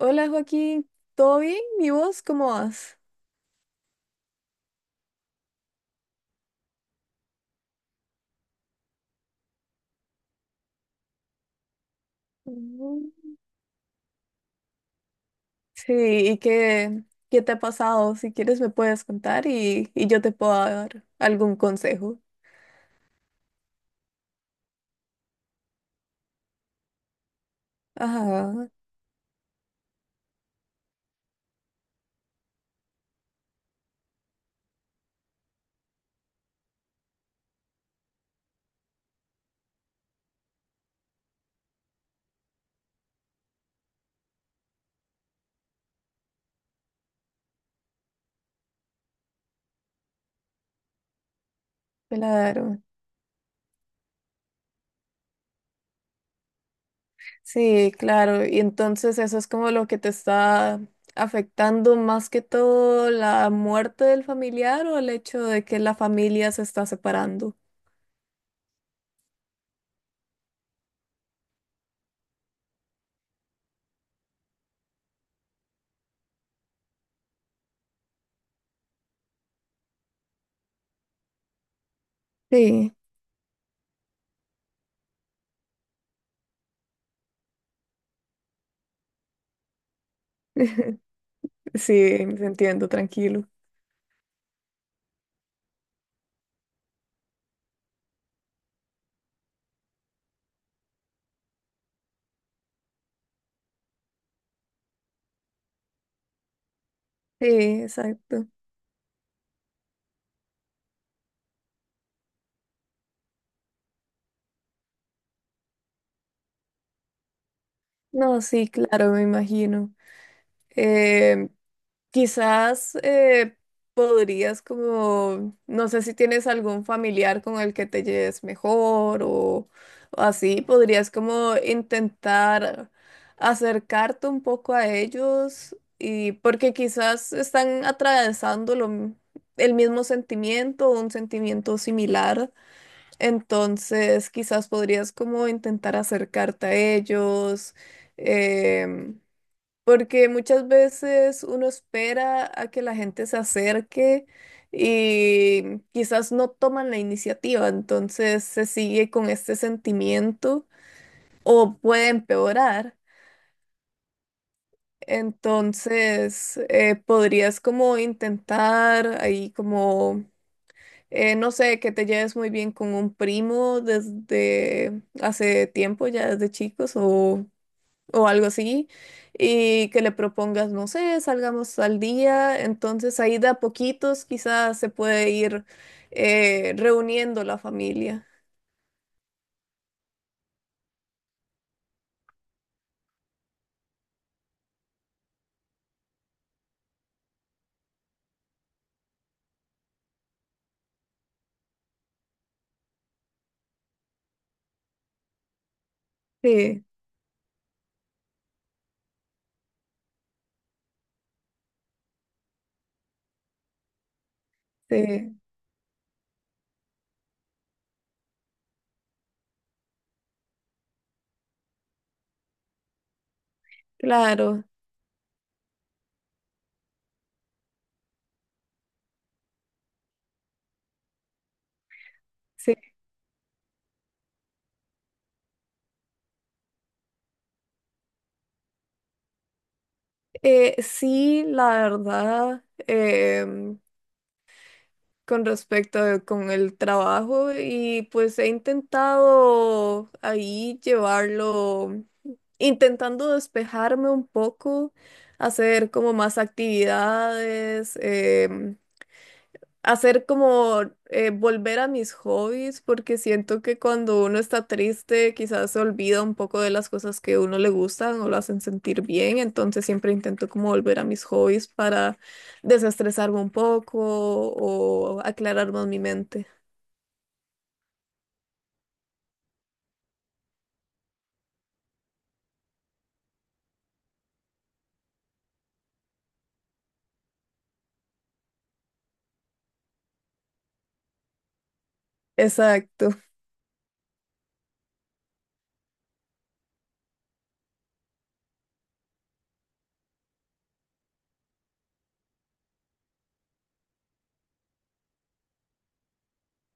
Hola Joaquín, ¿todo bien? ¿Y vos cómo vas? Mm, sí, ¿y qué, qué te ha pasado? Si quieres me puedes contar y yo te puedo dar algún consejo. Ajá, claro. Sí, claro. ¿Y entonces eso es como lo que te está afectando más que todo, la muerte del familiar o el hecho de que la familia se está separando? Sí, sí, te entiendo, tranquilo. Sí, exacto. No, sí, claro, me imagino. Eh, Quizás podrías como, no sé si tienes algún familiar con el que te lleves mejor o así, podrías como intentar acercarte un poco a ellos, y porque quizás están atravesando el mismo sentimiento o un sentimiento similar, entonces quizás podrías como intentar acercarte a ellos. em, Porque muchas veces uno espera a que la gente se acerque y quizás no toman la iniciativa, entonces se sigue con este sentimiento o puede empeorar. Entonces, podrías como intentar ahí como, no sé, que te lleves muy bien con un primo desde hace tiempo, ya desde chicos, o algo así, y que le propongas, no sé, salgamos al día, entonces ahí de a poquitos quizás se puede ir reuniendo la familia. Sí, sí, claro, sí. Sí, la verdad, con el trabajo, y pues he intentado ahí llevarlo, intentando despejarme un poco, hacer como más actividades. Hacer como volver a mis hobbies, porque siento que cuando uno está triste, quizás se olvida un poco de las cosas que a uno le gustan o lo hacen sentir bien, entonces siempre intento como volver a mis hobbies para desestresarme un poco o aclarar más mi mente. Exacto.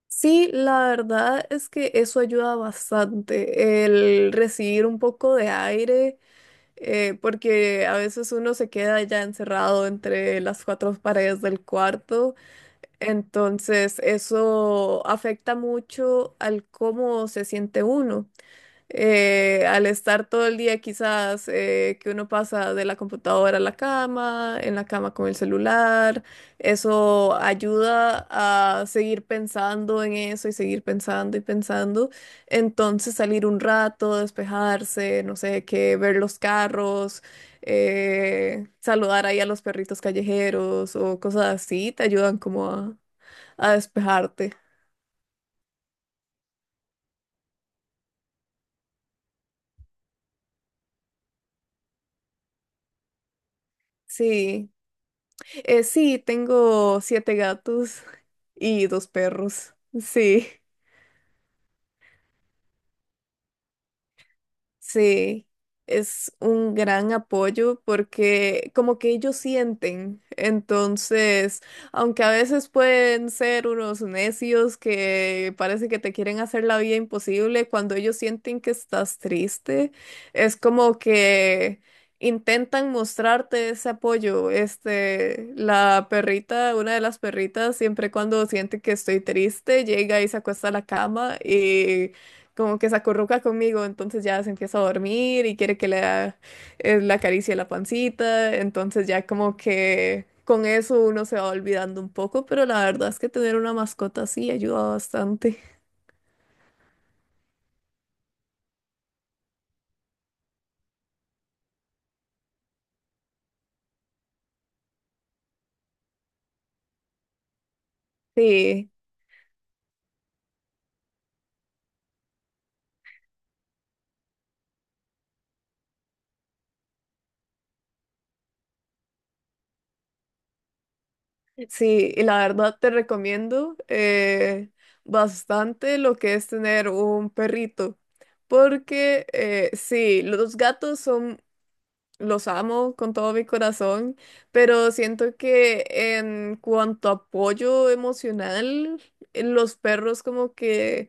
Sí, la verdad es que eso ayuda bastante, el recibir un poco de aire, porque a veces uno se queda ya encerrado entre las cuatro paredes del cuarto. Entonces, eso afecta mucho al cómo se siente uno. Al estar todo el día, quizás que uno pasa de la computadora a la cama, en la cama con el celular, eso ayuda a seguir pensando en eso y seguir pensando y pensando. Entonces, salir un rato, despejarse, no sé, que ver los carros, saludar ahí a los perritos callejeros o cosas así, te ayudan como a despejarte. Sí. Sí, tengo 7 gatos y 2 perros. Sí. Sí, es un gran apoyo porque como que ellos sienten, entonces, aunque a veces pueden ser unos necios que parece que te quieren hacer la vida imposible, cuando ellos sienten que estás triste, es como que intentan mostrarte ese apoyo. Este, la perrita, una de las perritas, siempre cuando siente que estoy triste, llega y se acuesta a la cama y como que se acurruca conmigo, entonces ya se empieza a dormir y quiere que le da, la acaricie la pancita, entonces ya como que con eso uno se va olvidando un poco, pero la verdad es que tener una mascota así ayuda bastante. Sí, sí, y la verdad te recomiendo bastante lo que es tener un perrito, porque sí, los gatos son, los amo con todo mi corazón, pero siento que en cuanto a apoyo emocional, los perros como que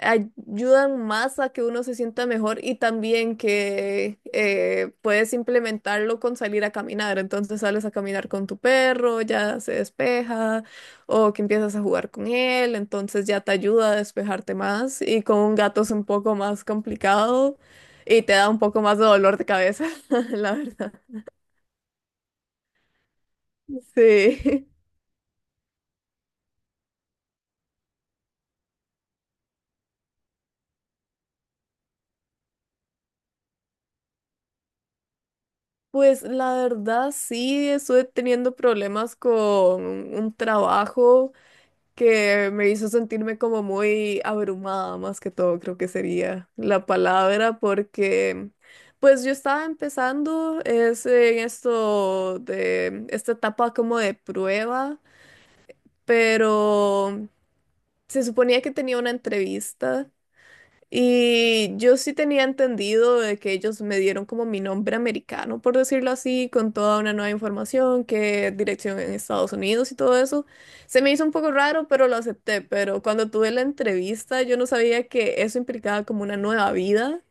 ayudan más a que uno se sienta mejor, y también que puedes implementarlo con salir a caminar. Entonces sales a caminar con tu perro, ya se despeja, o que empiezas a jugar con él, entonces ya te ayuda a despejarte más. Y con un gato es un poco más complicado y te da un poco más de dolor de cabeza, la verdad. Sí. Pues la verdad sí, estuve teniendo problemas con un trabajo que me hizo sentirme como muy abrumada, más que todo, creo que sería la palabra, porque pues yo estaba empezando es en esto de esta etapa como de prueba, pero se suponía que tenía una entrevista y yo sí tenía entendido de que ellos me dieron como mi nombre americano, por decirlo así, con toda una nueva información, que dirección en Estados Unidos y todo eso. Se me hizo un poco raro, pero lo acepté. Pero cuando tuve la entrevista, yo no sabía que eso implicaba como una nueva vida.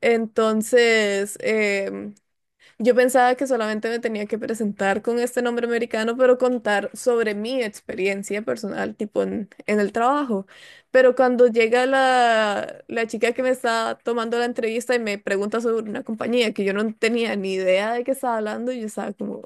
Entonces, yo pensaba que solamente me tenía que presentar con este nombre americano, pero contar sobre mi experiencia personal, tipo en el trabajo. Pero cuando llega la chica que me está tomando la entrevista y me pregunta sobre una compañía que yo no tenía ni idea de qué estaba hablando, yo estaba como,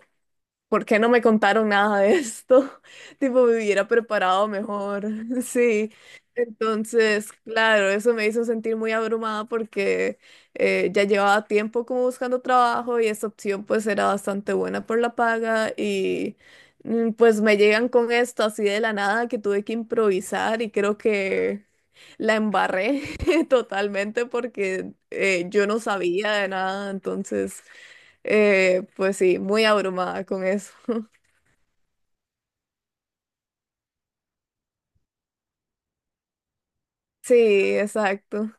¿por qué no me contaron nada de esto? Tipo, me hubiera preparado mejor. Sí. Entonces, claro, eso me hizo sentir muy abrumada porque ya llevaba tiempo como buscando trabajo y esta opción pues era bastante buena por la paga y mm, pues me llegan con esto así de la nada que tuve que improvisar y creo que la embarré. Totalmente, porque yo no sabía de nada, entonces, pues sí, muy abrumada con eso. Sí, exacto.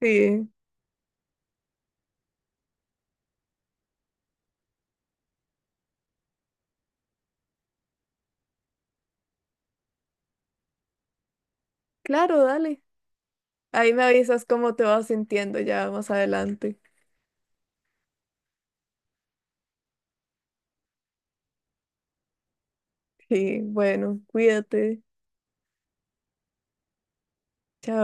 Sí, claro, dale. Ahí me avisas cómo te vas sintiendo ya más adelante. Sí, bueno, cuídate. Chao.